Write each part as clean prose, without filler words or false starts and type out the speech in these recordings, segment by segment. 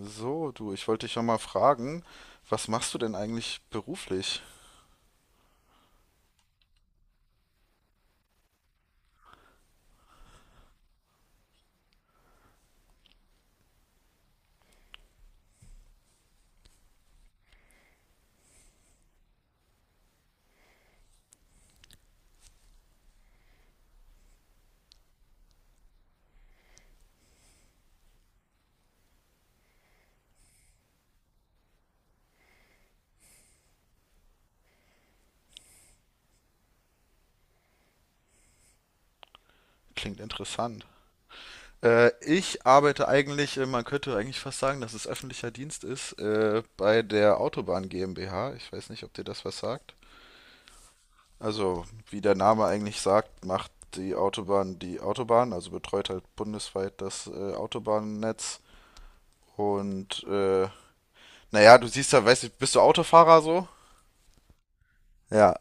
So, du, ich wollte dich ja mal fragen, was machst du denn eigentlich beruflich? Klingt interessant. Ich arbeite eigentlich, man könnte eigentlich fast sagen, dass es öffentlicher Dienst ist, bei der Autobahn GmbH. Ich weiß nicht, ob dir das was sagt. Also, wie der Name eigentlich sagt, macht die Autobahn, also betreut halt bundesweit das Autobahnnetz. Und naja, du siehst ja, weißt du, bist du Autofahrer so? Ja,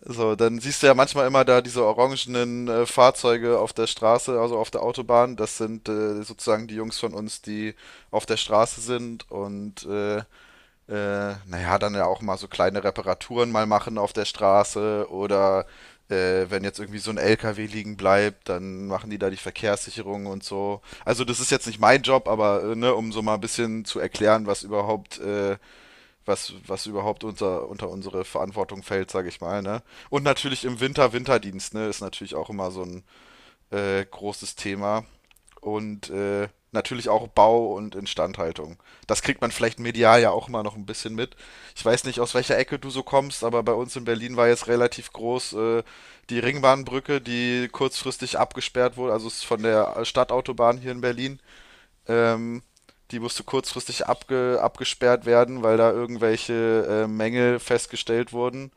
so, dann siehst du ja manchmal immer da diese orangenen Fahrzeuge auf der Straße, also auf der Autobahn. Das sind sozusagen die Jungs von uns, die auf der Straße sind und naja, dann ja auch mal so kleine Reparaturen mal machen auf der Straße oder wenn jetzt irgendwie so ein LKW liegen bleibt, dann machen die da die Verkehrssicherung und so. Also das ist jetzt nicht mein Job, aber ne, um so mal ein bisschen zu erklären, was überhaupt was überhaupt unter unsere Verantwortung fällt, sage ich mal. Ne? Und natürlich im Winter Winterdienst, ne, ist natürlich auch immer so ein großes Thema. Und natürlich auch Bau und Instandhaltung. Das kriegt man vielleicht medial ja auch immer noch ein bisschen mit. Ich weiß nicht, aus welcher Ecke du so kommst, aber bei uns in Berlin war jetzt relativ groß die Ringbahnbrücke, die kurzfristig abgesperrt wurde, also ist von der Stadtautobahn hier in Berlin ähm, die musste kurzfristig abgesperrt werden, weil da irgendwelche Mängel festgestellt wurden.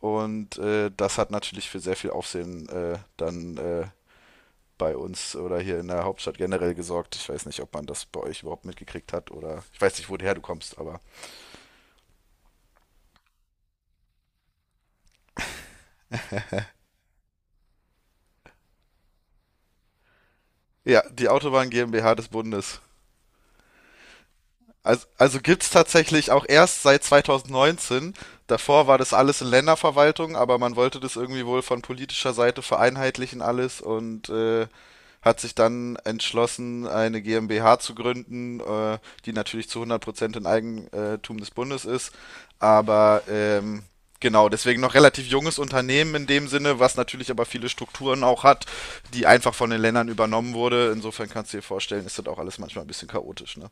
Und das hat natürlich für sehr viel Aufsehen dann bei uns oder hier in der Hauptstadt generell gesorgt. Ich weiß nicht, ob man das bei euch überhaupt mitgekriegt hat oder ich weiß nicht, woher du kommst, aber ja, die Autobahn GmbH des Bundes. Also gibt es tatsächlich auch erst seit 2019. Davor war das alles in Länderverwaltung, aber man wollte das irgendwie wohl von politischer Seite vereinheitlichen alles und hat sich dann entschlossen, eine GmbH zu gründen, die natürlich zu 100% in Eigentum des Bundes ist. Aber genau, deswegen noch relativ junges Unternehmen in dem Sinne, was natürlich aber viele Strukturen auch hat, die einfach von den Ländern übernommen wurde. Insofern kannst du dir vorstellen, ist das auch alles manchmal ein bisschen chaotisch. Ne?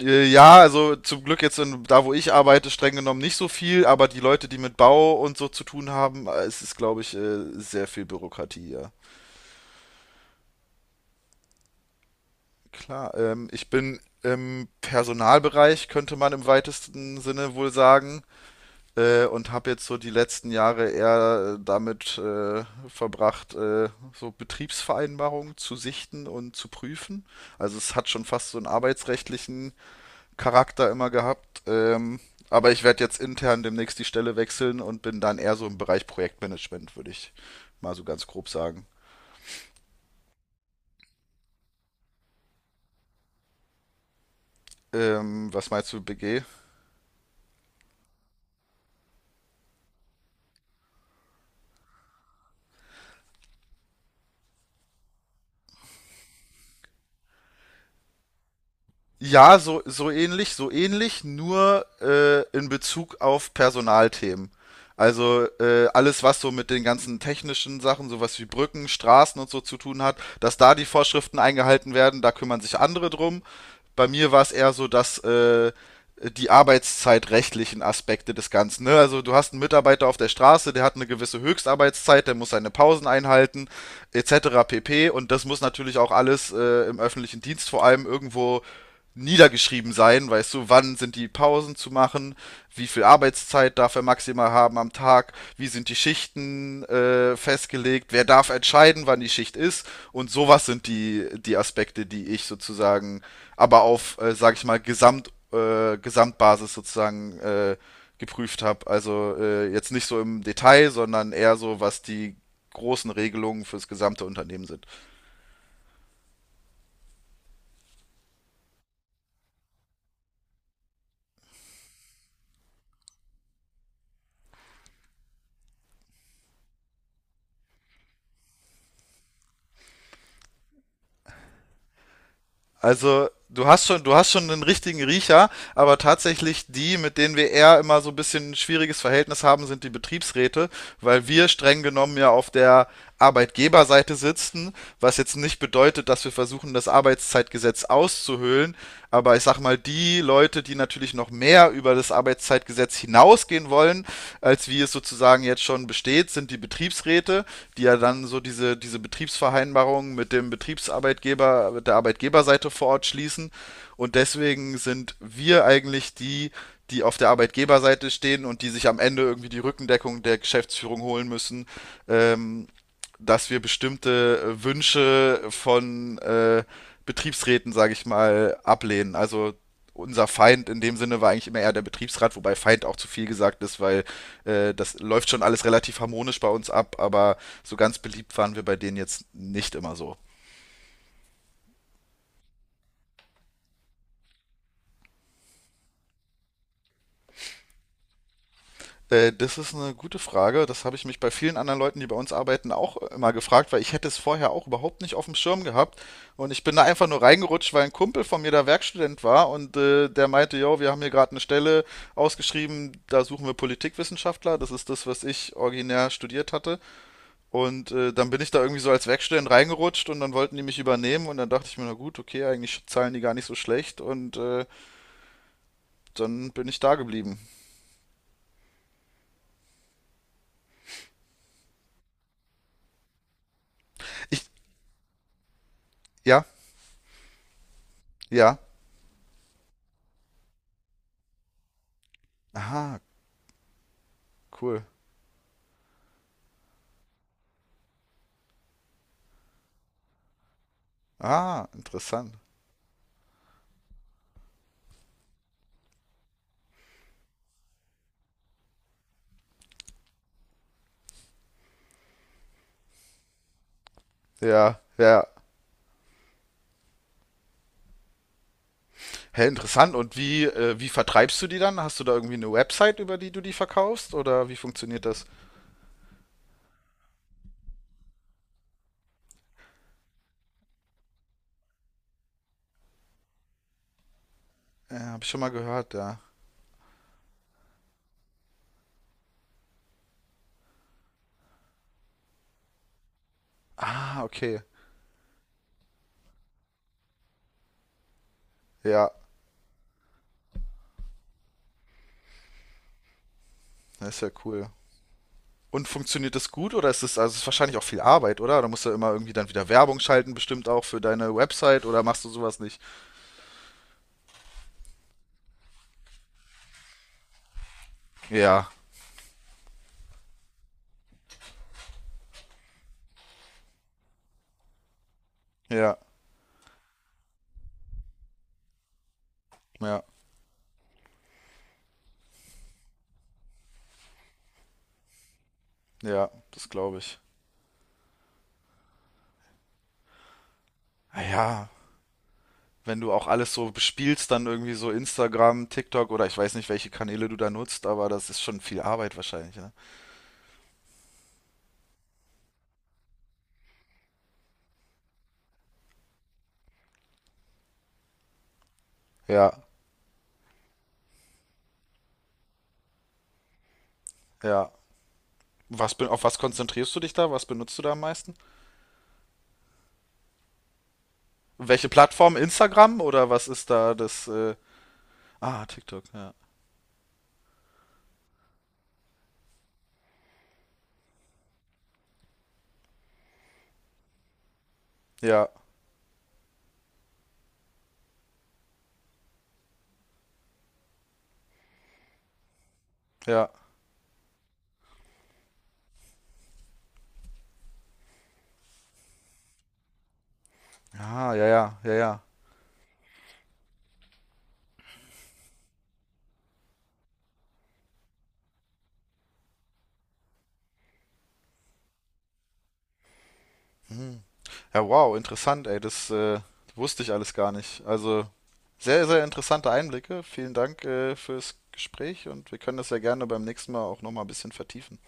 Ja, also zum Glück jetzt in, da, wo ich arbeite, streng genommen nicht so viel, aber die Leute, die mit Bau und so zu tun haben, es ist, glaube ich, sehr viel Bürokratie, ja. Klar, ich bin im Personalbereich, könnte man im weitesten Sinne wohl sagen, und habe jetzt so die letzten Jahre eher damit verbracht, so Betriebsvereinbarungen zu sichten und zu prüfen. Also es hat schon fast so einen arbeitsrechtlichen Charakter immer gehabt. Aber ich werde jetzt intern demnächst die Stelle wechseln und bin dann eher so im Bereich Projektmanagement, würde ich mal so ganz grob sagen. Was meinst du, BG? Ja, so, so ähnlich, nur in Bezug auf Personalthemen. Also alles, was so mit den ganzen technischen Sachen, sowas wie Brücken, Straßen und so zu tun hat, dass da die Vorschriften eingehalten werden, da kümmern sich andere drum. Bei mir war es eher so, dass die arbeitszeitrechtlichen Aspekte des Ganzen. Ne? Also du hast einen Mitarbeiter auf der Straße, der hat eine gewisse Höchstarbeitszeit, der muss seine Pausen einhalten, etc. pp. Und das muss natürlich auch alles im öffentlichen Dienst vor allem irgendwo niedergeschrieben sein, weißt du, wann sind die Pausen zu machen, wie viel Arbeitszeit darf er maximal haben am Tag, wie sind die Schichten festgelegt, wer darf entscheiden, wann die Schicht ist und sowas sind die Aspekte, die ich sozusagen, aber auf, sag ich mal, Gesamtbasis sozusagen geprüft habe. Also jetzt nicht so im Detail, sondern eher so, was die großen Regelungen fürs gesamte Unternehmen sind. Also du hast schon einen richtigen Riecher, aber tatsächlich die, mit denen wir eher immer so ein bisschen ein schwieriges Verhältnis haben, sind die Betriebsräte, weil wir streng genommen ja auf der Arbeitgeberseite sitzen, was jetzt nicht bedeutet, dass wir versuchen, das Arbeitszeitgesetz auszuhöhlen, aber ich sag mal, die Leute, die natürlich noch mehr über das Arbeitszeitgesetz hinausgehen vorgehen wollen, als wie es sozusagen jetzt schon besteht, sind die Betriebsräte, die ja dann so diese Betriebsvereinbarungen mit dem Betriebsarbeitgeber, mit der Arbeitgeberseite vor Ort schließen. Und deswegen sind wir eigentlich die, die auf der Arbeitgeberseite stehen und die sich am Ende irgendwie die Rückendeckung der Geschäftsführung holen müssen, ähm, dass wir bestimmte Wünsche von Betriebsräten, sage ich mal, ablehnen. Also unser Feind in dem Sinne war eigentlich immer eher der Betriebsrat, wobei Feind auch zu viel gesagt ist, weil das läuft schon alles relativ harmonisch bei uns ab, aber so ganz beliebt waren wir bei denen jetzt nicht immer so. Das ist eine gute Frage. Das habe ich mich bei vielen anderen Leuten, die bei uns arbeiten, auch immer gefragt, weil ich hätte es vorher auch überhaupt nicht auf dem Schirm gehabt. Und ich bin da einfach nur reingerutscht, weil ein Kumpel von mir da Werkstudent war und der meinte, yo, wir haben hier gerade eine Stelle ausgeschrieben, da suchen wir Politikwissenschaftler. Das ist das, was ich originär studiert hatte. Und dann bin ich da irgendwie so als Werkstudent reingerutscht und dann wollten die mich übernehmen und dann dachte ich mir, na gut, okay, eigentlich zahlen die gar nicht so schlecht und dann bin ich da geblieben. Ich, ja, ja. Aha, cool. Ah, interessant. Ja, ja. Hä, interessant. Und wie, wie vertreibst du die dann? Hast du da irgendwie eine Website, über die du die verkaufst? Oder wie funktioniert das? Hab ich schon mal gehört, ja. Ah, okay. Ja, das ist ja cool. Und funktioniert das gut oder ist es, also es ist wahrscheinlich auch viel Arbeit, oder? Da musst du ja immer irgendwie dann wieder Werbung schalten, bestimmt auch für deine Website oder machst du sowas nicht? Ja, ja, ja, ja, das glaube ich. Ah ja, wenn du auch alles so bespielst, dann irgendwie so Instagram, TikTok oder ich weiß nicht, welche Kanäle du da nutzt, aber das ist schon viel Arbeit wahrscheinlich, ne? Ja, ja. Auf was konzentrierst du dich da? Was benutzt du da am meisten? Welche Plattform? Instagram oder was ist da das? Ah, TikTok, ja. Ja, ja. Ah, ja, ja, ja, ja. Hm. Ja, wow, interessant, ey. Das wusste ich alles gar nicht. Also sehr, sehr interessante Einblicke. Vielen Dank fürs Gespräch und wir können das ja gerne beim nächsten Mal auch nochmal ein bisschen vertiefen.